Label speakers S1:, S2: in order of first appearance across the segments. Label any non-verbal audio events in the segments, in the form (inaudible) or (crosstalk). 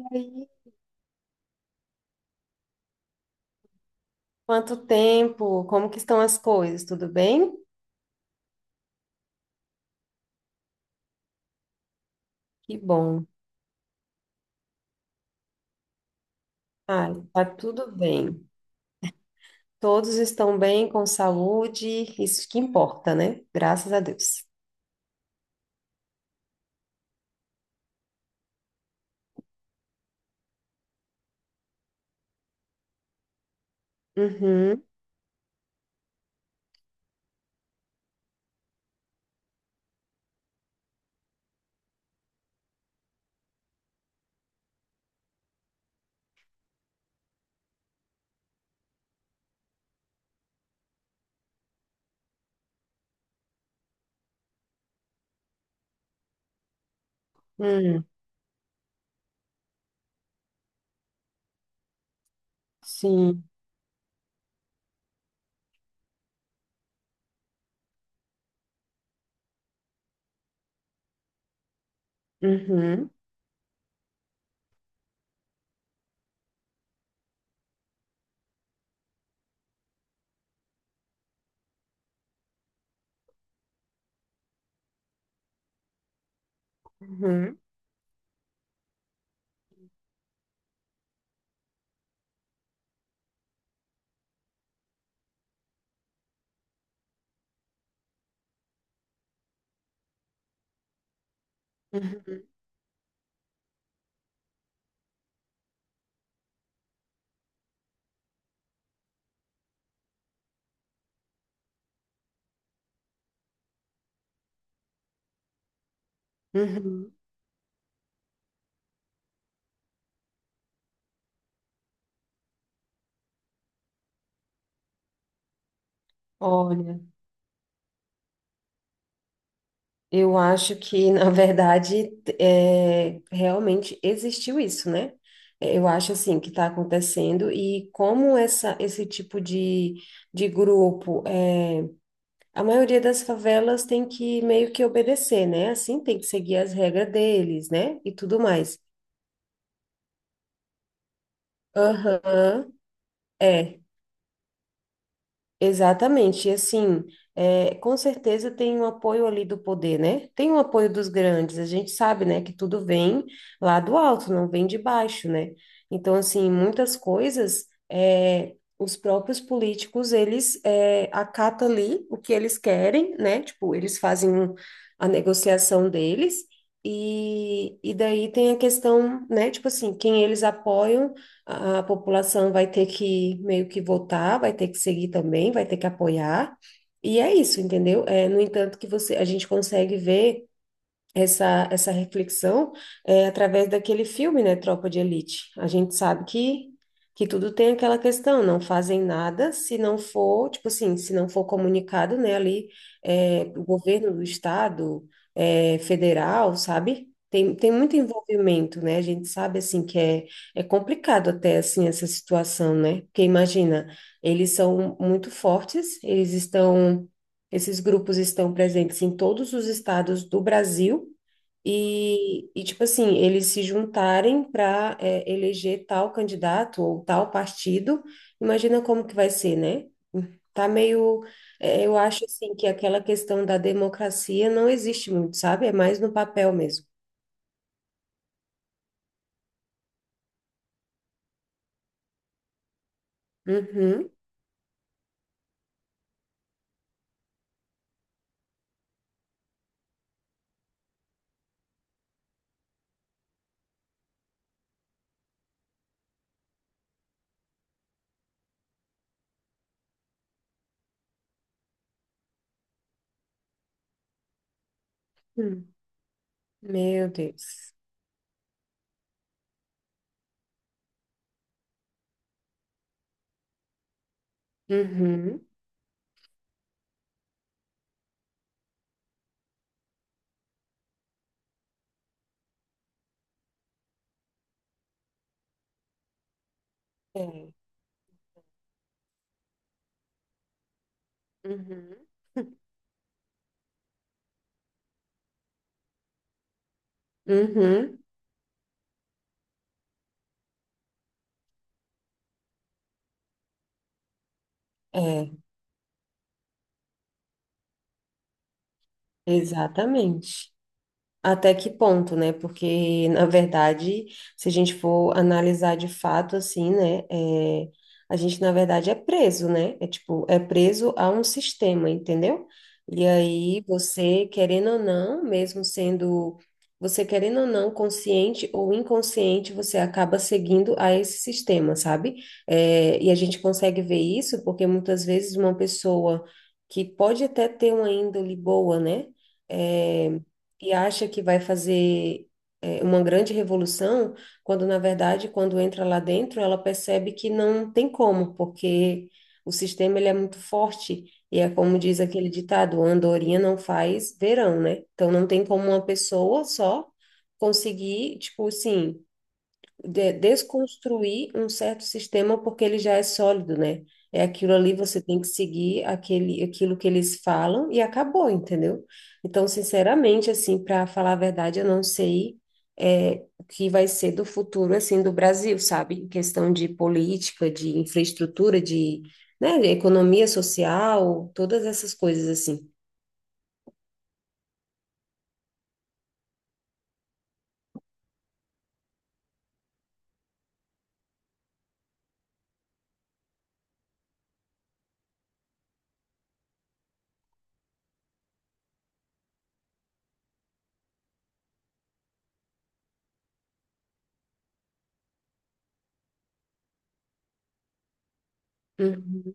S1: Oi. Quanto tempo? Como que estão as coisas? Tudo bem? Que bom. Ah, tá tudo bem. Todos estão bem, com saúde, isso que importa, né? Graças a Deus. Uhum, hum, sim. Uhum, uhum, uhum, uhum. Olha, eu acho que, (laughs) na verdade, realmente existiu isso, né? Eu acho, assim, que está acontecendo e como esse tipo de grupo a maioria das favelas tem que meio que obedecer, né? Assim, tem que seguir as regras deles, né? E tudo mais. Aham, é. Exatamente, e assim, com certeza tem um apoio ali do poder, né? Tem um apoio dos grandes, a gente sabe, né, que tudo vem lá do alto, não vem de baixo, né? Então, assim, muitas coisas, os próprios políticos, eles acatam ali o que eles querem, né? Tipo, eles fazem a negociação deles, e daí tem a questão, né, tipo assim, quem eles apoiam a população vai ter que meio que votar, vai ter que seguir também, vai ter que apoiar. E é isso, entendeu? No entanto, que a gente consegue ver essa reflexão através daquele filme, né, Tropa de Elite. A gente sabe que tudo tem aquela questão, não fazem nada se não for, tipo assim, se não for comunicado, né, ali, o governo do estado, federal, sabe? Tem muito envolvimento, né? A gente sabe, assim, que é complicado até, assim, essa situação, né? Porque imagina, eles são muito fortes, eles estão esses grupos estão presentes em todos os estados do Brasil e tipo assim, eles se juntarem para eleger tal candidato ou tal partido. Imagina como que vai ser, né? Tá meio, eu acho assim que aquela questão da democracia não existe muito, sabe? É mais no papel mesmo. Uhum. Hum. Meu Deus. Uhum. É. Uhum. Uhum. É, exatamente. Até que ponto, né? Porque, na verdade, se a gente for analisar de fato, assim, né? A gente, na verdade, é preso, né? É tipo, é preso a um sistema, entendeu? E aí, você, querendo ou não, consciente ou inconsciente, você acaba seguindo a esse sistema, sabe? E a gente consegue ver isso porque muitas vezes uma pessoa que pode até ter uma índole boa, né? É, e acha que vai fazer uma grande revolução, quando na verdade, quando entra lá dentro, ela percebe que não tem como, porque o sistema ele é muito forte e é como diz aquele ditado, andorinha não faz verão, né? Então não tem como uma pessoa só conseguir, tipo assim, desconstruir um certo sistema porque ele já é sólido, né? É aquilo ali, você tem que seguir aquilo que eles falam e acabou, entendeu? Então, sinceramente, assim, para falar a verdade, eu não sei o que vai ser do futuro, assim, do Brasil, sabe? Em questão de política, de infraestrutura, né, de economia social, todas essas coisas, assim. Uhum.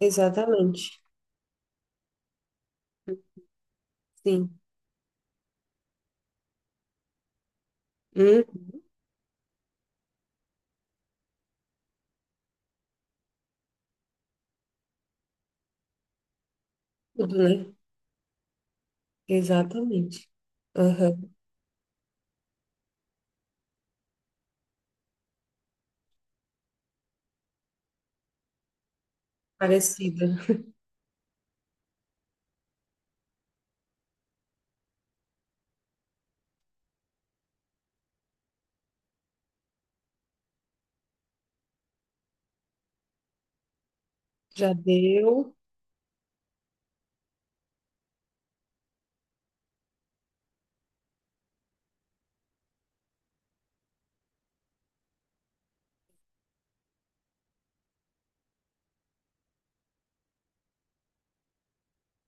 S1: Exatamente, sim. Hum, tudo, né? Exatamente. Aham. Parecida. Já deu.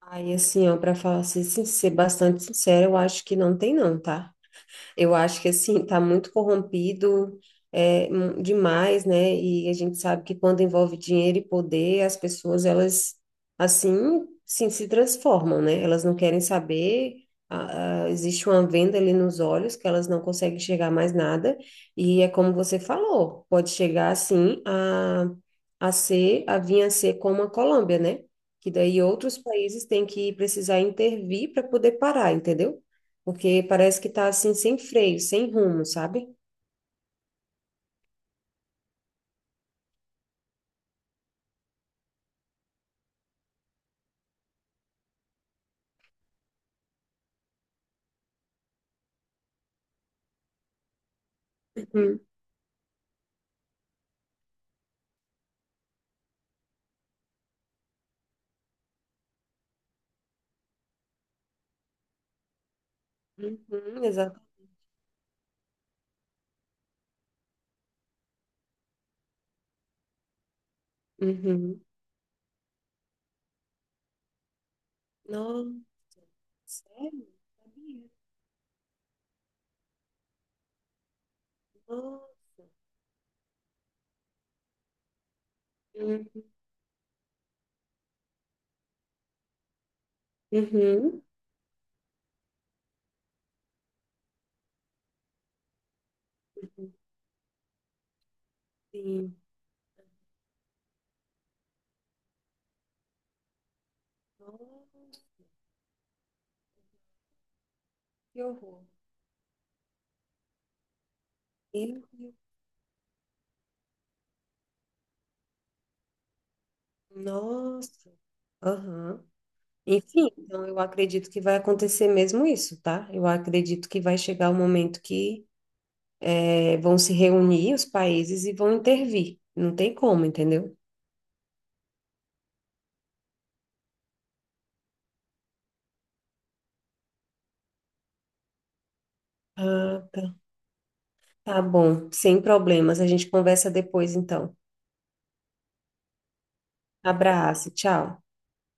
S1: Aí, assim, ó, para ser bastante sincera, eu acho que não tem não, tá? Eu acho que assim, está muito corrompido demais, né? E a gente sabe que quando envolve dinheiro e poder, as pessoas elas assim sim, se transformam, né? Elas não querem saber. Existe uma venda ali nos olhos que elas não conseguem enxergar mais nada. E é como você falou, pode chegar assim a vir a ser como a Colômbia, né? Que daí outros países têm que precisar intervir para poder parar, entendeu? Porque parece que tá assim, sem freio, sem rumo, sabe? Uhum. Uhum, exato. Uhum. Nossa, sério? Sabia? Nossa. Uhum. Uhum. Uhum. Sim. Nossa, que horror. Meu Deus. Nossa. Aham. Enfim, então eu acredito que vai acontecer mesmo isso, tá? Eu acredito que vai chegar o momento que vão se reunir os países e vão intervir. Não tem como, entendeu? Ah, tá. Tá bom, sem problemas. A gente conversa depois, então. Abraço, tchau.